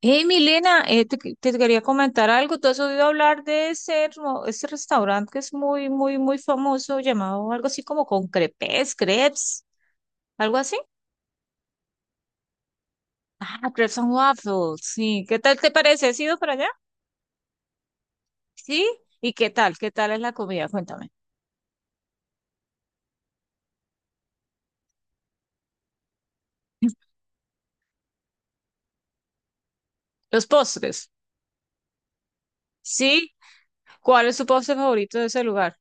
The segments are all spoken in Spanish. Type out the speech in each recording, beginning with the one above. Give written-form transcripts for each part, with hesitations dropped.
Hey, Milena, te quería comentar algo. ¿Tú has oído hablar de ese, ese restaurante que es muy, muy, muy famoso, llamado algo así como con crepes, crepes, algo así? Ah, crepes and waffles, sí. ¿Qué tal te parece? ¿Has ido para allá? Sí. ¿Y qué tal? ¿Qué tal es la comida? Cuéntame. Los postres. Sí. ¿Cuál es tu postre favorito de ese lugar?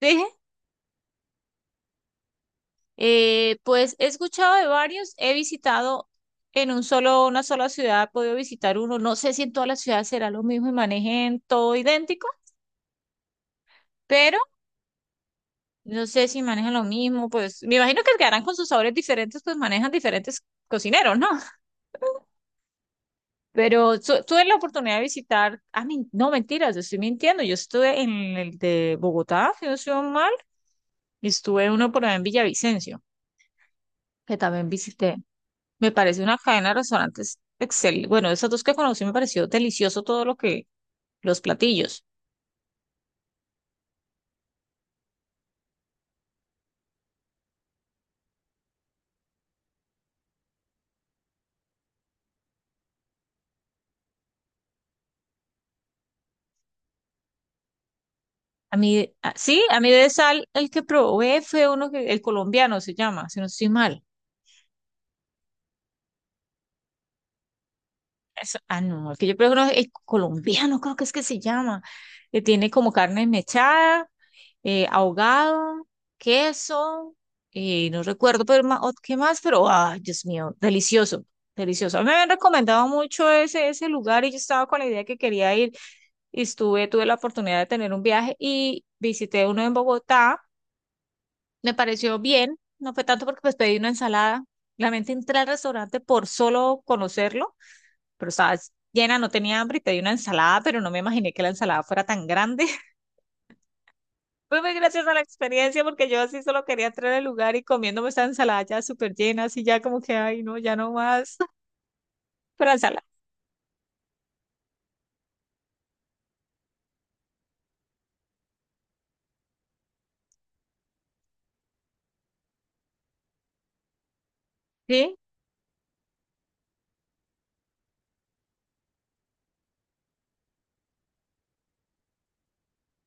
Sí. Pues he escuchado de varios, he visitado en una sola ciudad, he podido visitar uno. No sé si en todas las ciudades será lo mismo y manejen todo idéntico, pero no sé si manejan lo mismo. Pues me imagino que quedarán con sus sabores diferentes, pues manejan diferentes cocineros, ¿no? Pero tuve la oportunidad de visitar, no, mentiras, estoy mintiendo. Yo estuve en el de Bogotá, si no estoy mal, y estuve uno por allá en Villavicencio, que también visité. Me parece una cadena de restaurantes excelente. Bueno, esas dos que conocí me pareció delicioso todo lo que, los platillos. A mí, sí, a mí de sal, el que probé fue uno que, el colombiano se llama, si no estoy mal. No, es que yo creo que no, el colombiano, creo que es que se llama, que tiene como carne mechada, ahogado, queso, no recuerdo pero qué más, pero, ay, Dios mío, delicioso, delicioso. A mí me habían recomendado mucho ese, ese lugar y yo estaba con la idea que quería ir y tuve la oportunidad de tener un viaje y visité uno en Bogotá, me pareció bien, no fue tanto porque pues pedí una ensalada, realmente entré al restaurante por solo conocerlo pero estabas llena, no tenía hambre y pedí una ensalada, pero no me imaginé que la ensalada fuera tan grande. Fue muy graciosa la experiencia porque yo así solo quería entrar al lugar y comiéndome esa ensalada ya súper llena, así ya como que, ay, no, ya no más. Pero ensalada, sí,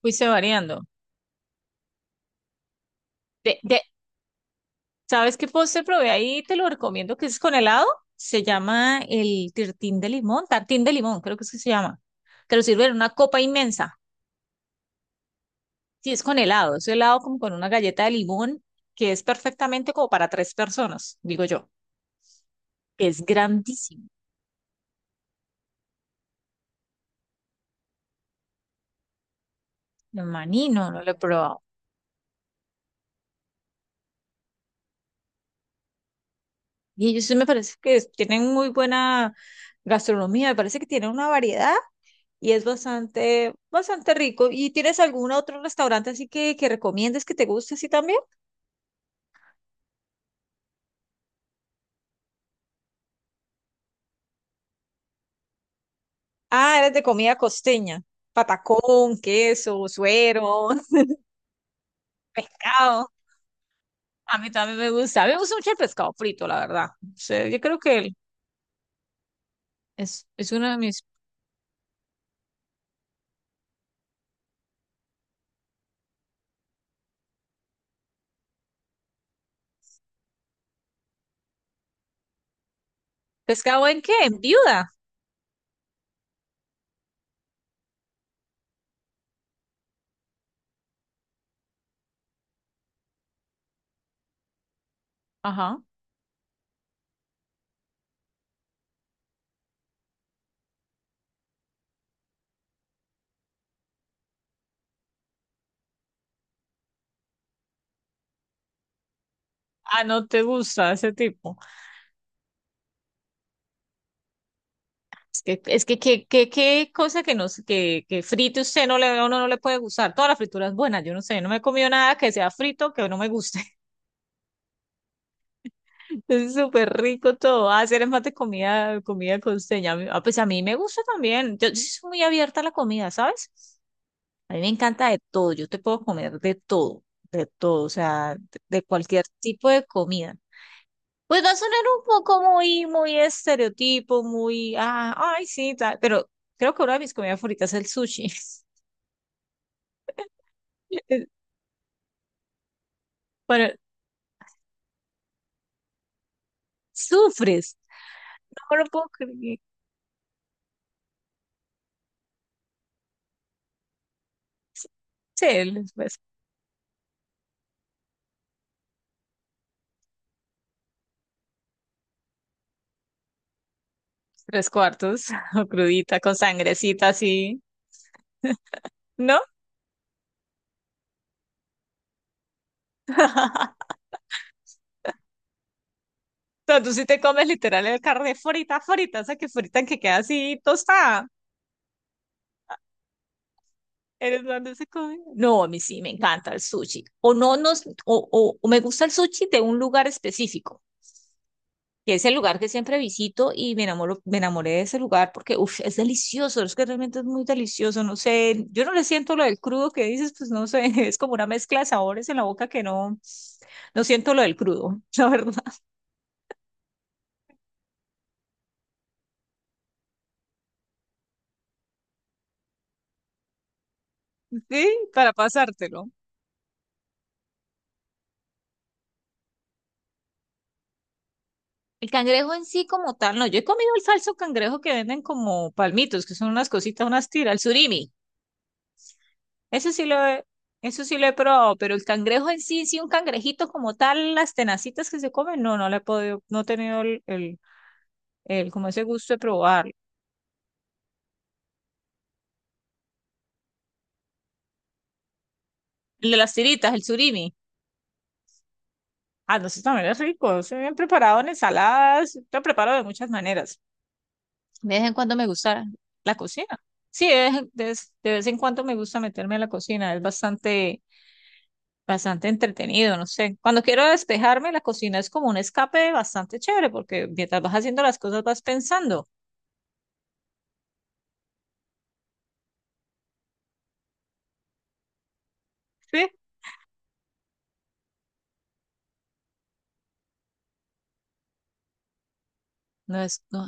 fuiste variando. De, de, ¿Sabes qué postre probé ahí? Te lo recomiendo que es con helado. Se llama el tirtín de limón, tartín de limón, creo que es que se llama. Te lo sirven en una copa inmensa. Sí, es con helado, es helado como con una galleta de limón que es perfectamente como para tres personas, digo yo. Que es grandísimo. El maní no, no lo he probado. Y ellos sí me parece que tienen muy buena gastronomía, me parece que tienen una variedad y es bastante, bastante rico. ¿Y tienes algún otro restaurante así que recomiendes que te guste así también? Ah, eres de comida costeña, patacón, queso, suero, pescado. A mí también me gusta, a mí me gusta mucho el pescado frito, la verdad. O sea, yo creo que es uno de mis... ¿Pescado en qué? En viuda. Ajá. Ah, no te gusta ese tipo. Es que, qué cosa que no sé- que frite usted no le, uno no le puede gustar. Toda la fritura es buena, yo no sé, no me he comido nada que sea frito que no me guste. Es súper rico todo. Ah, hacer es más de comida, comida costeña. Pues a mí me gusta también. Yo, sí soy muy abierta a la comida, ¿sabes? A mí me encanta de todo. Yo te puedo comer de todo, o sea, de cualquier tipo de comida. Pues va a sonar un poco muy, muy estereotipo, muy, ay, sí, tal, pero creo que una de mis comidas favoritas es el sushi. Eh, Bueno, sufres. No lo puedo creer. Sí, pues, tres cuartos, o crudita, con sangrecita así, ¿no? O tú sí te comes literal el carne frita, frita, o sea, que frita que queda así tostada. ¿Eres donde se come? No, a mí sí me encanta el sushi. O no, nos, o me gusta el sushi de un lugar específico. Que es el lugar que siempre visito y me enamoro, me enamoré de ese lugar porque uf, es delicioso, es que realmente es muy delicioso, no sé, yo no le siento lo del crudo que dices, pues no sé, es como una mezcla de sabores en la boca que no, no siento lo del crudo, la verdad. Sí, para pasártelo. El cangrejo en sí como tal, no, yo he comido el falso cangrejo que venden como palmitos, que son unas cositas, unas tiras, el surimi, ese sí lo he, eso sí lo he probado, pero el cangrejo en sí, sí, un cangrejito como tal, las tenacitas que se comen, no, no le he podido, no he tenido como ese gusto de probar. El de las tiritas, el surimi. Ah, no, eso también es rico. Se bien preparado en ensaladas. Lo preparo de muchas maneras. De vez en cuando me gusta la cocina. Sí, de vez en cuando me gusta meterme a la cocina. Es bastante, bastante entretenido, no sé. Cuando quiero despejarme, la cocina es como un escape bastante chévere porque mientras vas haciendo las cosas vas pensando. Sí. No es, no.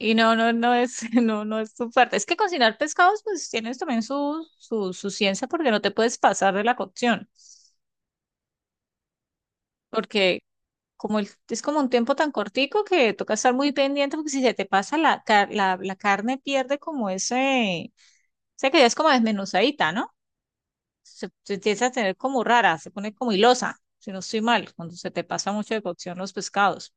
Y no, no, no, no es tu fuerte. Es que cocinar pescados, pues tienes también su ciencia porque no te puedes pasar de la cocción. Porque es como un tiempo tan cortico que toca estar muy pendiente porque si se te pasa la carne pierde como ese, o sea que ya es como desmenuzadita, ¿no? Se empieza a tener como rara, se pone como hilosa, si no estoy mal, cuando se te pasa mucho de cocción los pescados.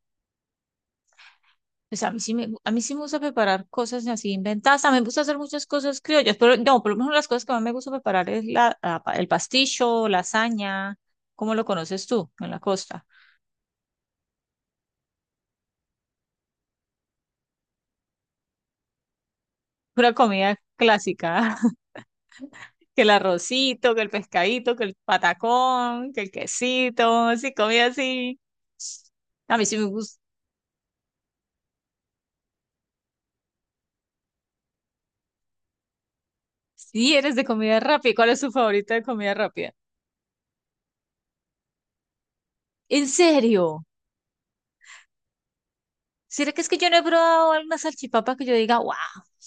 Pues a mí sí me, a mí sí me gusta preparar cosas así inventadas. También me gusta hacer muchas cosas criollas, pero no, por lo menos las cosas que más me gusta preparar es el pasticho, lasaña, ¿cómo lo conoces tú en la costa? Pura comida clásica, que el arrocito, que el pescadito, que el patacón, que el quesito, así, comida así. A mí sí me gusta. Sí, eres de comida rápida. ¿Cuál es tu favorita de comida rápida? ¿En serio? ¿Será que es que yo no he probado alguna salchipapa que yo diga, wow,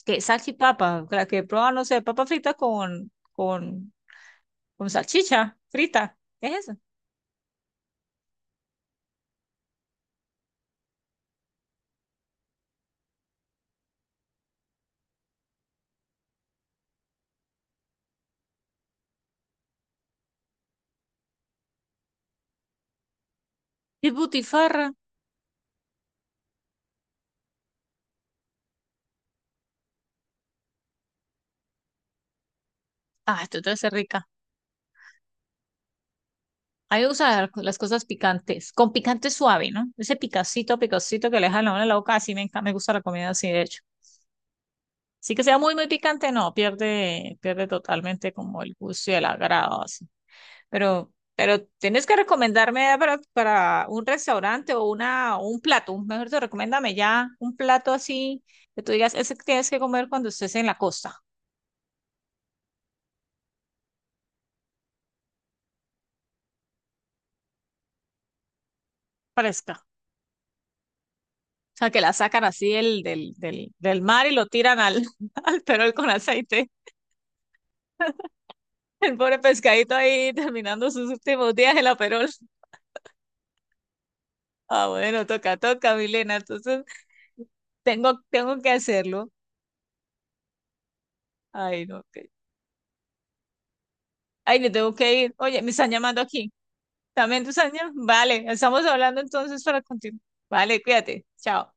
que salchipapa? La que he probado, no sé, papa frita con salchicha frita. ¿Qué es eso? Es butifarra. Ah, esto debe ser rica. A mí me gustan las cosas picantes, con picante suave, ¿no? Ese picacito, picacito que le deja la mano en la boca, así me encanta, me gusta la comida así, de hecho. Sí que sea muy, muy picante, no, pierde, pierde totalmente como el gusto y el agrado, así. Pero tienes que recomendarme para un restaurante o una, un plato, mejor te recomiéndame ya un plato así que tú digas, ese que tienes que comer cuando estés en la costa, fresca. O sea, que la sacan así del mar y lo tiran al, al perol con aceite. El pobre pescadito ahí terminando sus últimos días en la perol. Ah, bueno, toca, toca, Milena. Entonces, tengo, tengo que hacerlo. Ay, no, ok. Ay, me tengo que ir. Oye, me están llamando aquí. También tus años. Vale, estamos hablando entonces para continuar. Vale, cuídate. Chao.